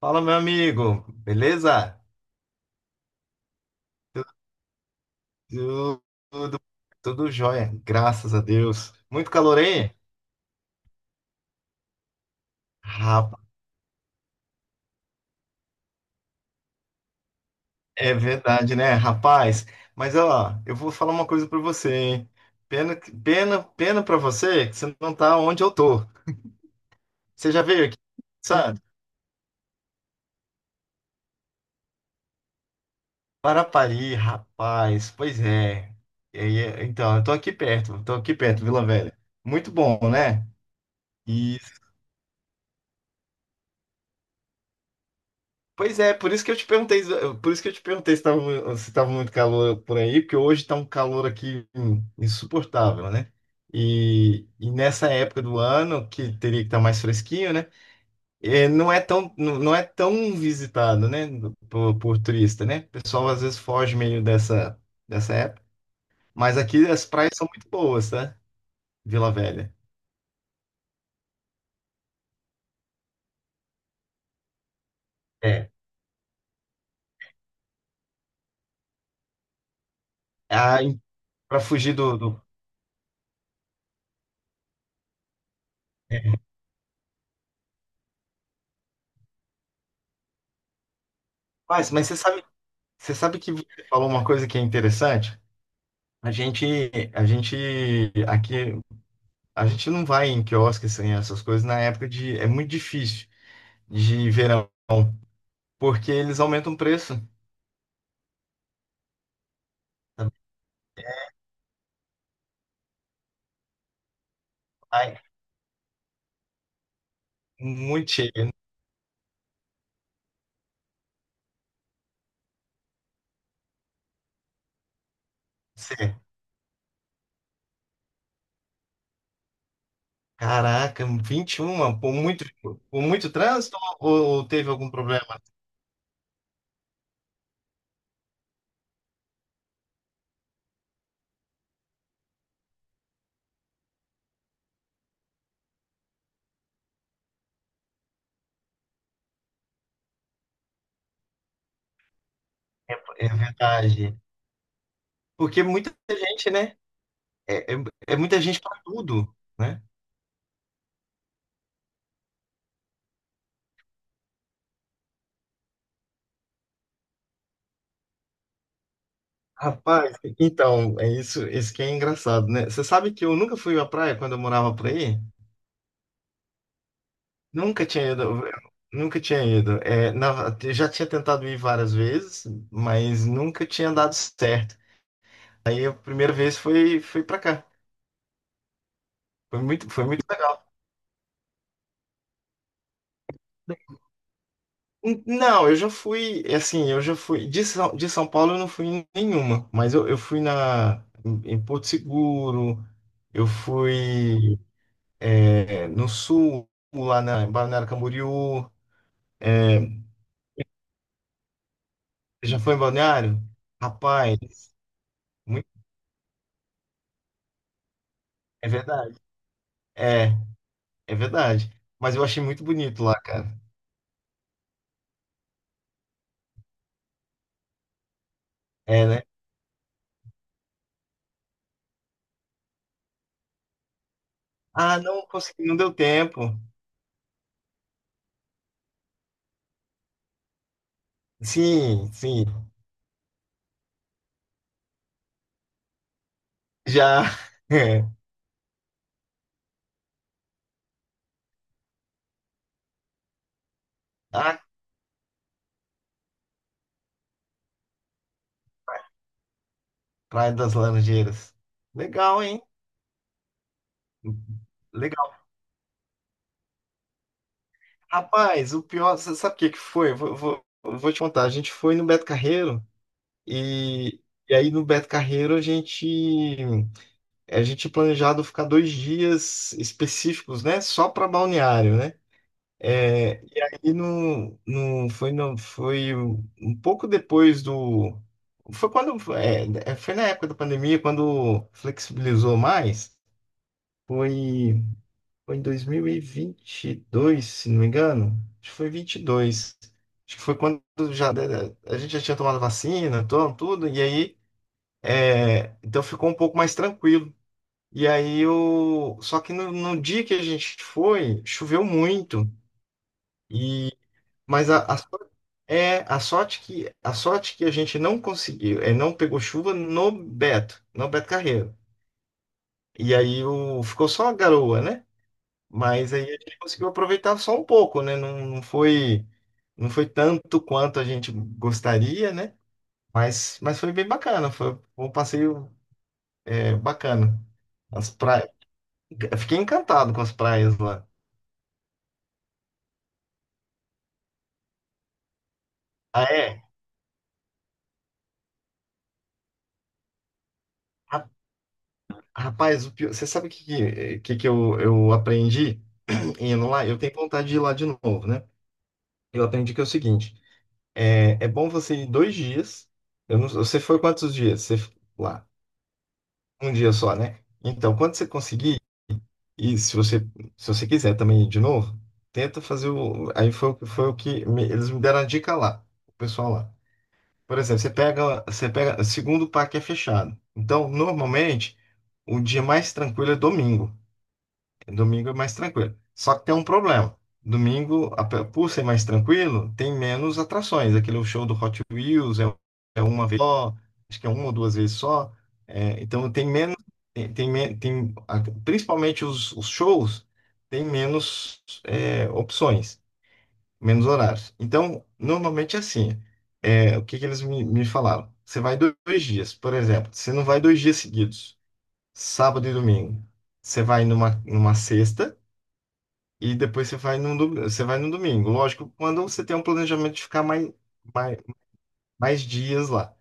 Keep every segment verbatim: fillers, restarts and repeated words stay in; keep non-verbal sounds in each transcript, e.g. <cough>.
Fala, meu amigo, beleza? Tudo, tudo, tudo jóia, graças a Deus. Muito calor aí? Rapaz, é verdade, né, rapaz? Mas ó, eu vou falar uma coisa pra você, hein? Pena, que- pena, pena pra você que você não tá onde eu tô. Você já veio aqui, sabe? Parapari, rapaz, pois é. E aí, então, eu tô aqui perto, tô aqui perto, Vila Velha. Muito bom, né? Pois é, por isso que eu te perguntei, por isso que eu te perguntei se estava se tava muito calor por aí, porque hoje está um calor aqui hum, insuportável, né? E, e nessa época do ano, que teria que estar mais fresquinho, né? É, não é tão, não não é tão visitado, né? Por, por turista, né? O pessoal às vezes foge meio dessa, dessa época. Mas aqui as praias são muito boas, tá? Vila Velha. É. Ah, para fugir do, do... Mas, mas você sabe, você sabe que você falou uma coisa que é interessante? A gente, a gente aqui, a gente não vai em quiosque assim, essas coisas na época de, é muito difícil de verão, porque eles aumentam o preço. Sabe? Ai, muito cheio. Você, Caraca, vinte e um, por muito, por muito trânsito ou, ou teve algum problema? É, é verdade. Porque muita gente, né? É, é, é muita gente para tudo, né? Rapaz, então, é isso, isso que é engraçado, né? Você sabe que eu nunca fui à praia quando eu morava por aí? Nunca tinha ido, nunca tinha ido. É, na- eu já tinha tentado ir várias vezes, mas nunca tinha dado certo. Aí a primeira vez foi, foi para cá. Foi muito, foi muito legal. N- Não, eu já fui, é assim, eu já fui. De São, de São Paulo eu não fui em nenhuma, mas eu, eu fui na, em, em Porto Seguro, eu fui é, no sul, lá na, em Balneário Camboriú. É, já foi em Balneário? Rapaz, muito, é verdade. é É verdade. Mas eu achei muito bonito lá, cara. É, né? Ah, não consegui, não deu tempo. Sim, sim. Já. <laughs> É. Ah, Praia das Laranjeiras. Legal, hein? Legal. Rapaz, o pior, você sabe o que que foi? Eu Vou, eu vou, eu vou te contar. A gente foi no Beto Carreiro e, e aí no Beto Carreiro a gente a gente tinha planejado ficar dois dias específicos, né? Só para balneário, né? É, e aí no, no, foi, no, foi um pouco depois do. Foi quando. é, é, foi na época da pandemia, quando flexibilizou mais. Foi, Foi em dois mil e e vinte e dois, se não me engano. Acho que foi vinte e dois. Acho que foi quando já, né, a gente já tinha tomado vacina, to- tudo, e aí. É, então ficou um pouco mais tranquilo. E aí o. Só que no, no dia que a gente foi, choveu muito. Mas a, a sorte- é a sorte que a sorte que a gente não conseguiu, é não pegou chuva no Beto, no Beto Carreiro. E aí o, ficou só a garoa, né? Mas aí a gente conseguiu aproveitar só um pouco, né? Não, não foi não foi tanto quanto a gente gostaria, né? Mas, mas foi bem bacana, foi um passeio é, bacana. As praias, Fiquei encantado com as praias lá. Ah, é? Rapaz, o pior- você sabe o que, que, que que eu eu aprendi <clears throat> indo lá? Eu tenho vontade de ir lá de novo, né? Eu aprendi que é o seguinte: é, é bom você ir dois dias. Eu não- Você foi quantos dias? Você f- lá? Um dia só, né? Então, quando você conseguir, e se você, se você quiser também ir de novo, tenta fazer o. Aí foi, o que- foi o que me- eles me deram a dica lá, o pessoal lá. Por exemplo, você pega, você pega, segundo o parque é fechado. Então, normalmente, o dia mais tranquilo é domingo. Domingo é mais tranquilo. Só que tem um problema. Domingo, a- por ser mais tranquilo, tem menos atrações. Aquele show do Hot Wheels é, é uma vez só, acho que é uma ou duas vezes só. É, então tem menos, tem, tem, men- tem- a- principalmente os, os shows, tem menos é, opções, menos horários. Então, normalmente é assim. É, o que que eles me, me falaram? Você vai do- dois dias, por exemplo. Você não vai dois dias seguidos, sábado e domingo. Você vai numa, numa sexta e depois você vai no, você vai no domingo. Lógico, quando você tem um planejamento de ficar mais, mais, mais dias lá.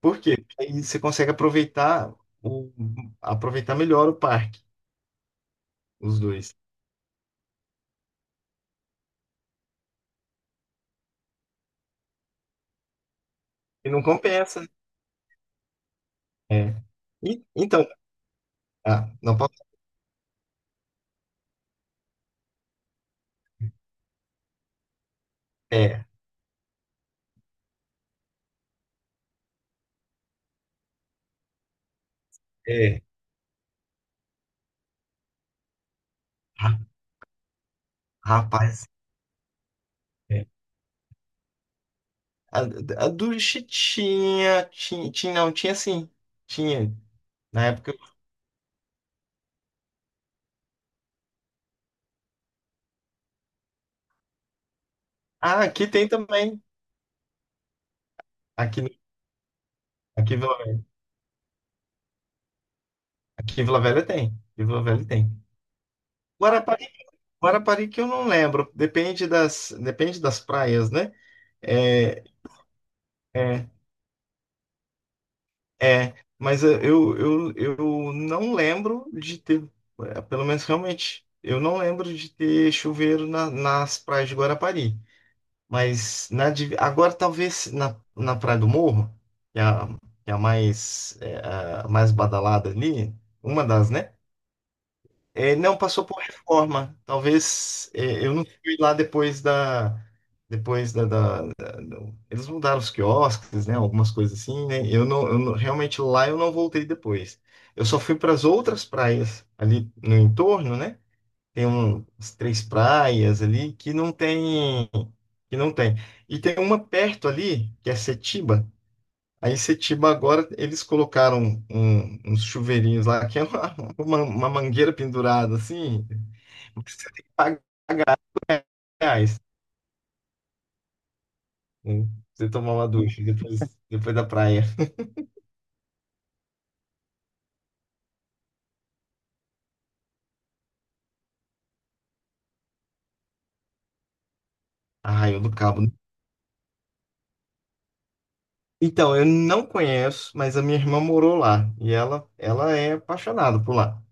Por quê? Porque aí você consegue aproveitar, o, aproveitar melhor o parque, os dois. E não compensa, né? É. E- então, ah, não posso. É, é. ra- Rapaz, é. A, a ducha tinha, tinha, tinha, não, tinha sim. Tinha. Na época. Ah, aqui tem também. Aqui, aqui, em Vila- aqui em Vila Velha tem. Aqui em Vila Velha tem. Guarapari Guarapari que eu não lembro, depende das, depende das praias, né? É, é, é, mas eh, eu, eu, eu não lembro de ter, é, pelo menos realmente, eu não lembro de ter chuveiro na- nas praias de Guarapari. Mas na, de- agora talvez na, na Praia do Morro, que é a, que é a mais, é, a mais badalada ali, uma das, né? É, não passou por reforma. Talvez é, eu não fui lá depois da, depois da, da- da- do- eles mudaram os quiosques, né? Algumas coisas assim, né? Eu não, eu não- Realmente lá eu não voltei depois. Eu só fui para as outras praias ali no entorno, né? Tem um- umas três praias ali que não tem, que não tem. E tem uma perto ali que é Setiba. Aí Setiba agora eles colocaram um- uns chuveirinhos lá que é uma, uma uma mangueira pendurada assim. Você tem que pagar reais, né? Você tomar uma ducha depois, depois da praia. <laughs> Ah, eu do Cabo. Então, eu não conheço, mas a minha irmã morou lá. E ela, ela é apaixonada por lá.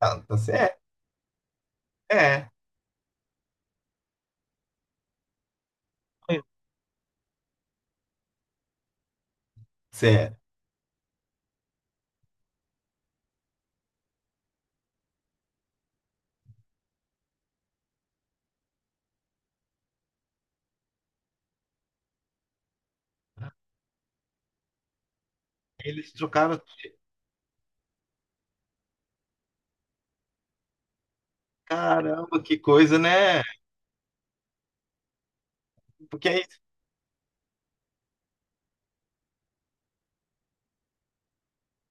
Ah, tá certo. É, é. Certo. Eles trocaram. Caramba, que coisa, né? Porque é, isso.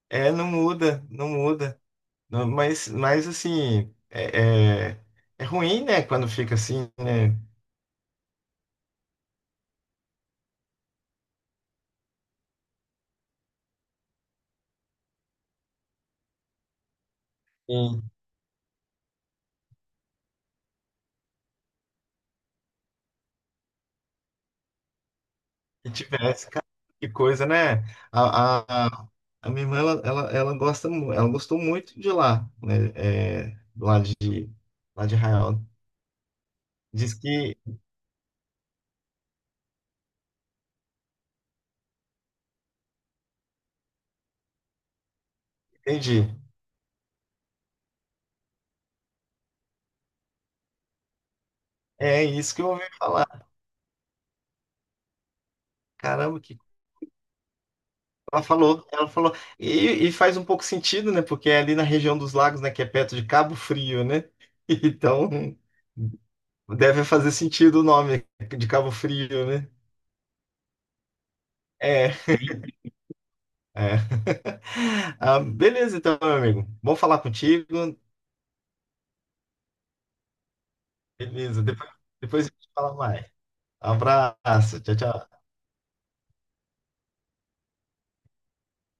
É, não muda, não muda. Não, mas, mas assim, é, é, é ruim, né? Quando fica assim, né? Que tivesse, cara, que coisa, né? A, a, a minha irmã, ela, ela, ela gosta, mu- ela gostou muito de lá, né? É, do lado de, lá de Israel. Diz que, entendi, é isso que eu ouvi falar. Caramba, que ela falou, ela falou. E, e faz um pouco sentido, né? Porque é ali na região dos lagos, né? Que é perto de Cabo Frio, né? <laughs> Então, deve fazer sentido o nome de Cabo Frio, né? É. É. <laughs> Ah, beleza, então, meu amigo. Bom falar contigo. Beleza, depois, depois a gente fala mais. Abraço, tchau, tchau.